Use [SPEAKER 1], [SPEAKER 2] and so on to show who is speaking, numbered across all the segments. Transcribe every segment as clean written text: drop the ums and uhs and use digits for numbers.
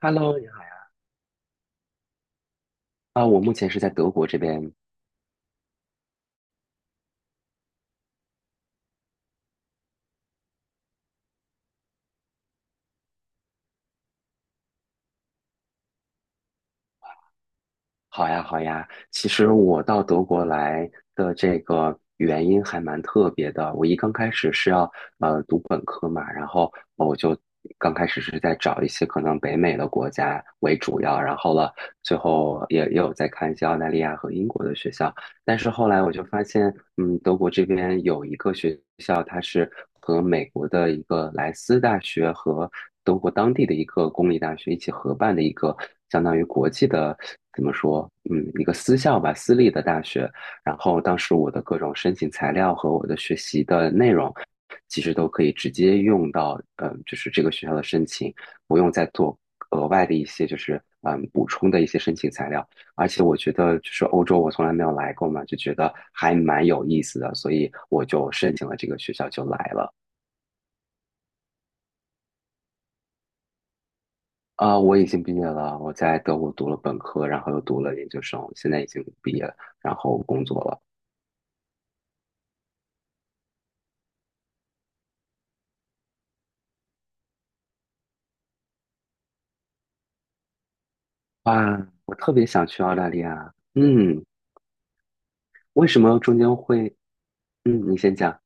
[SPEAKER 1] Hello，你好呀。我目前是在德国这边。好呀，好呀。其实我到德国来的这个原因还蛮特别的。我刚开始是要读本科嘛，然后我就刚开始是在找一些可能北美的国家为主要，然后最后也有在看一些澳大利亚和英国的学校。但是后来我就发现，嗯，德国这边有一个学校，它是和美国的一个莱斯大学和德国当地的一个公立大学一起合办的一个相当于国际的，怎么说，嗯，一个私校吧，私立的大学。然后当时我的各种申请材料和我的学习的内容，其实都可以直接用到，就是这个学校的申请，不用再做额外的一些就是补充的一些申请材料。而且我觉得就是欧洲我从来没有来过嘛，就觉得还蛮有意思的，所以我就申请了这个学校就来了。我已经毕业了，我在德国读了本科，然后又读了研究生，现在已经毕业了，然后工作了。哇，我特别想去澳大利亚。嗯，为什么中间会？嗯，你先讲。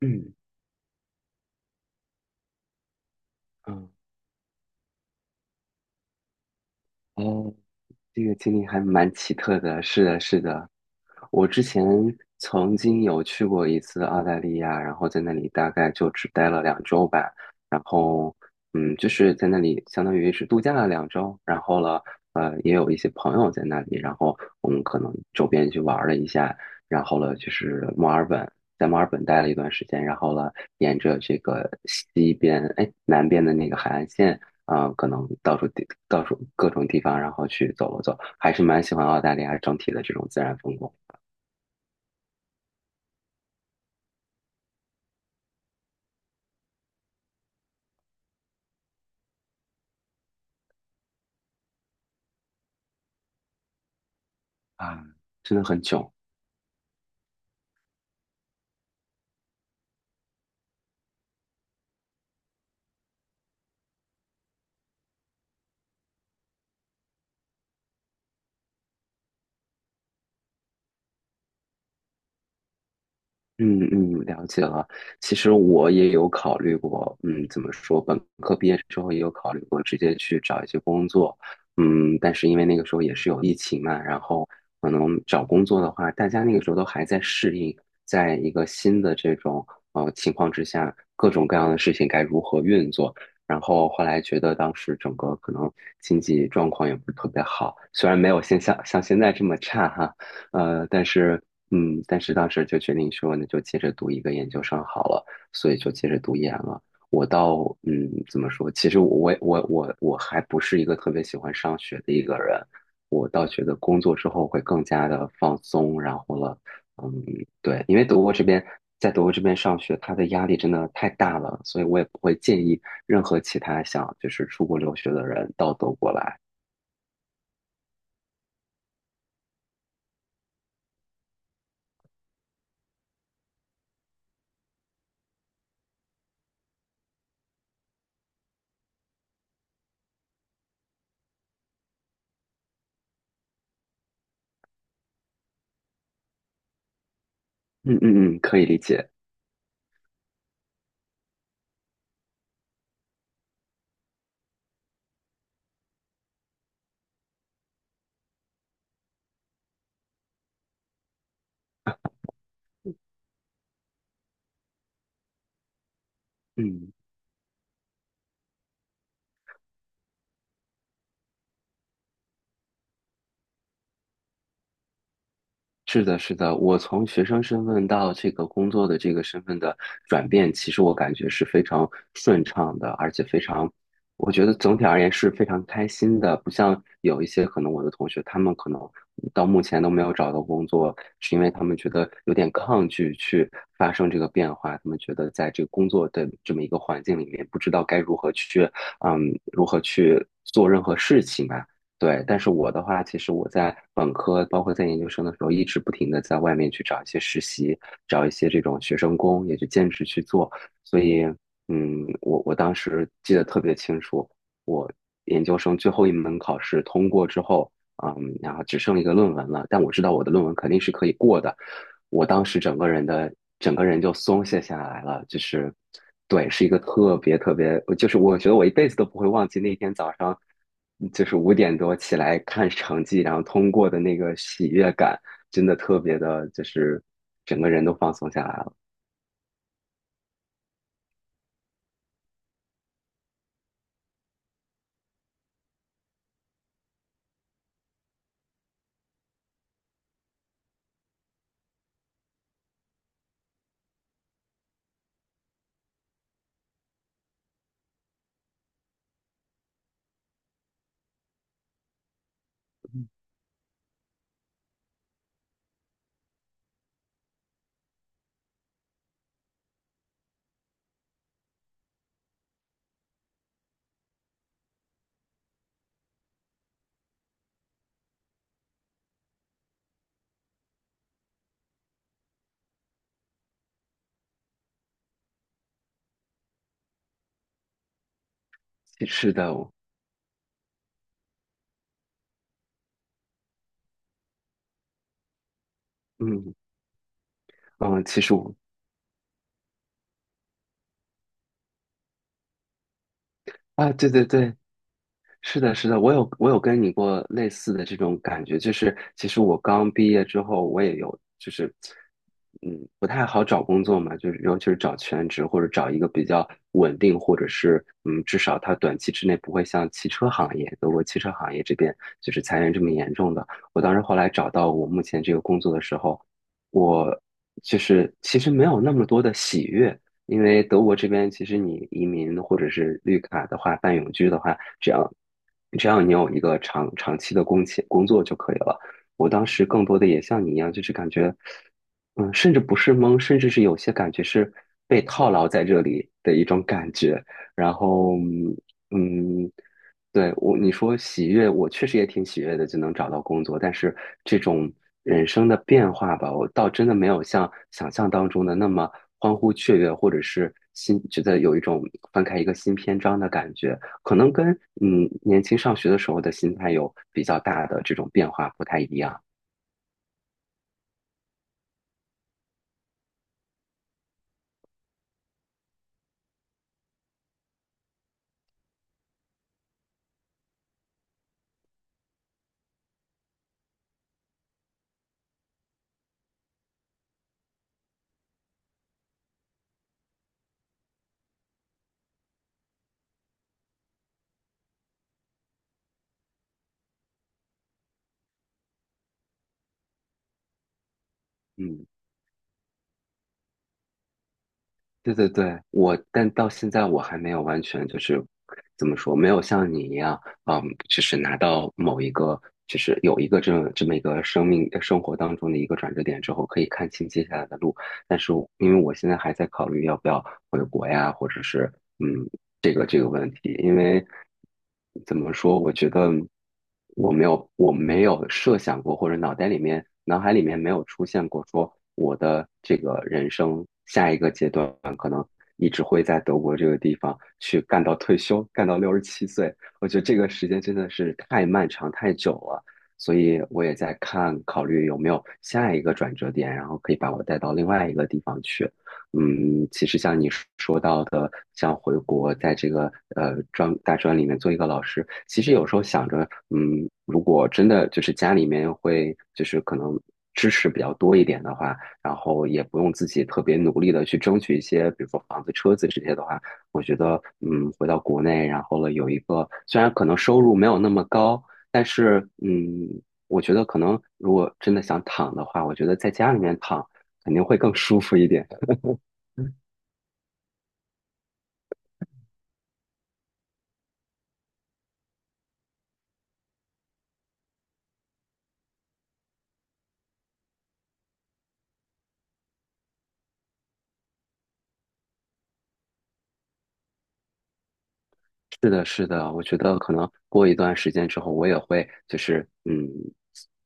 [SPEAKER 1] 嗯嗯，哦。这个经历还蛮奇特的，是的，是的。我之前曾经有去过一次澳大利亚，然后在那里大概就只待了两周吧，然后嗯，就是在那里相当于是度假了两周，然后也有一些朋友在那里，然后我们可能周边去玩了一下，然后就是墨尔本，在墨尔本待了一段时间，然后沿着这个西边南边的那个海岸线。可能到处各种地方，然后去走了走，还是蛮喜欢澳大利亚整体的这种自然风光。啊，真的很囧。嗯嗯，了解了。其实我也有考虑过，嗯，怎么说，本科毕业之后也有考虑过直接去找一些工作，嗯，但是因为那个时候也是有疫情嘛，然后可能找工作的话，大家那个时候都还在适应，在一个新的这种情况之下，各种各样的事情该如何运作。然后后来觉得当时整个可能经济状况也不是特别好，虽然没有像现在这么差哈。但是嗯，但是当时就决定说，那就接着读一个研究生好了，所以就接着读研了。我到嗯，怎么说？其实我还不是一个特别喜欢上学的一个人，我倒觉得工作之后会更加的放松，然后了，嗯，对，因为德国这边在德国这边上学，它的压力真的太大了，所以我也不会建议任何其他想就是出国留学的人到德国来。嗯嗯嗯，可以理解。嗯。是的，是的，我从学生身份到这个工作的这个身份的转变，其实我感觉是非常顺畅的，而且非常，我觉得总体而言是非常开心的。不像有一些可能我的同学，他们可能到目前都没有找到工作，是因为他们觉得有点抗拒去发生这个变化，他们觉得在这个工作的这么一个环境里面，不知道该如何去，嗯，如何去做任何事情吧。对，但是我的话，其实我在本科，包括在研究生的时候，一直不停的在外面去找一些实习，找一些这种学生工，也就兼职去做。所以，嗯，我当时记得特别清楚，我研究生最后一门考试通过之后，嗯，然后只剩一个论文了，但我知道我的论文肯定是可以过的，我当时整个人就松懈下来了，就是，对，是一个特别特别，就是我觉得我一辈子都不会忘记那天早上。就是5点多起来看成绩，然后通过的那个喜悦感，真的特别的，就是整个人都放松下来了。是的，嗯嗯，其实我啊，对对对，是的，是的，我有跟你过类似的这种感觉，就是其实我刚毕业之后，我也有就是，嗯，不太好找工作嘛，就是尤其是找全职或者找一个比较稳定，或者是嗯，至少它短期之内不会像汽车行业，德国汽车行业这边就是裁员这么严重的。我当时后来找到我目前这个工作的时候，我就是其实没有那么多的喜悦，因为德国这边其实你移民或者是绿卡的话，办永居的话，只要你有一个长期的工签工作就可以了。我当时更多的也像你一样，就是感觉，嗯，甚至不是懵，甚至是有些感觉是被套牢在这里的一种感觉。然后，嗯，嗯对，我，你说喜悦，我确实也挺喜悦的，就能找到工作。但是这种人生的变化吧，我倒真的没有像想象当中的那么欢呼雀跃，或者是新，觉得有一种翻开一个新篇章的感觉。可能跟嗯年轻上学的时候的心态有比较大的这种变化不太一样。嗯。对对对，我，但到现在我还没有完全就是怎么说，没有像你一样，嗯，就是拿到某一个，就是有一个这么一个生活当中的一个转折点之后，可以看清接下来的路。但是我因为我现在还在考虑要不要回国呀，或者是嗯这个问题，因为怎么说，我觉得我没有设想过，或者脑海里面没有出现过说我的这个人生下一个阶段。一直会在德国这个地方去干到退休，干到67岁。我觉得这个时间真的是太漫长、太久了，所以我也在看，考虑有没有下一个转折点，然后可以把我带到另外一个地方去。嗯，其实像你说到的，像回国在这个大专里面做一个老师，其实有时候想着，嗯，如果真的就是家里面会就是可能支持比较多一点的话。然后也不用自己特别努力的去争取一些，比如说房子、车子这些的话，我觉得，嗯，回到国内，然后有一个，虽然可能收入没有那么高，但是，嗯，我觉得可能如果真的想躺的话，我觉得在家里面躺肯定会更舒服一点。是的，是的，我觉得可能过一段时间之后，我也会就是嗯，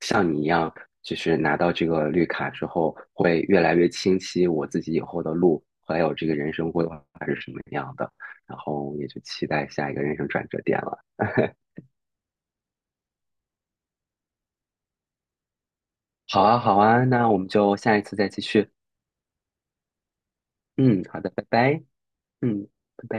[SPEAKER 1] 像你一样，就是拿到这个绿卡之后，会越来越清晰我自己以后的路，还有这个人生规划是什么样的，然后也就期待下一个人生转折点了。好啊，好啊，那我们就下一次再继续。嗯，好的，拜拜。嗯。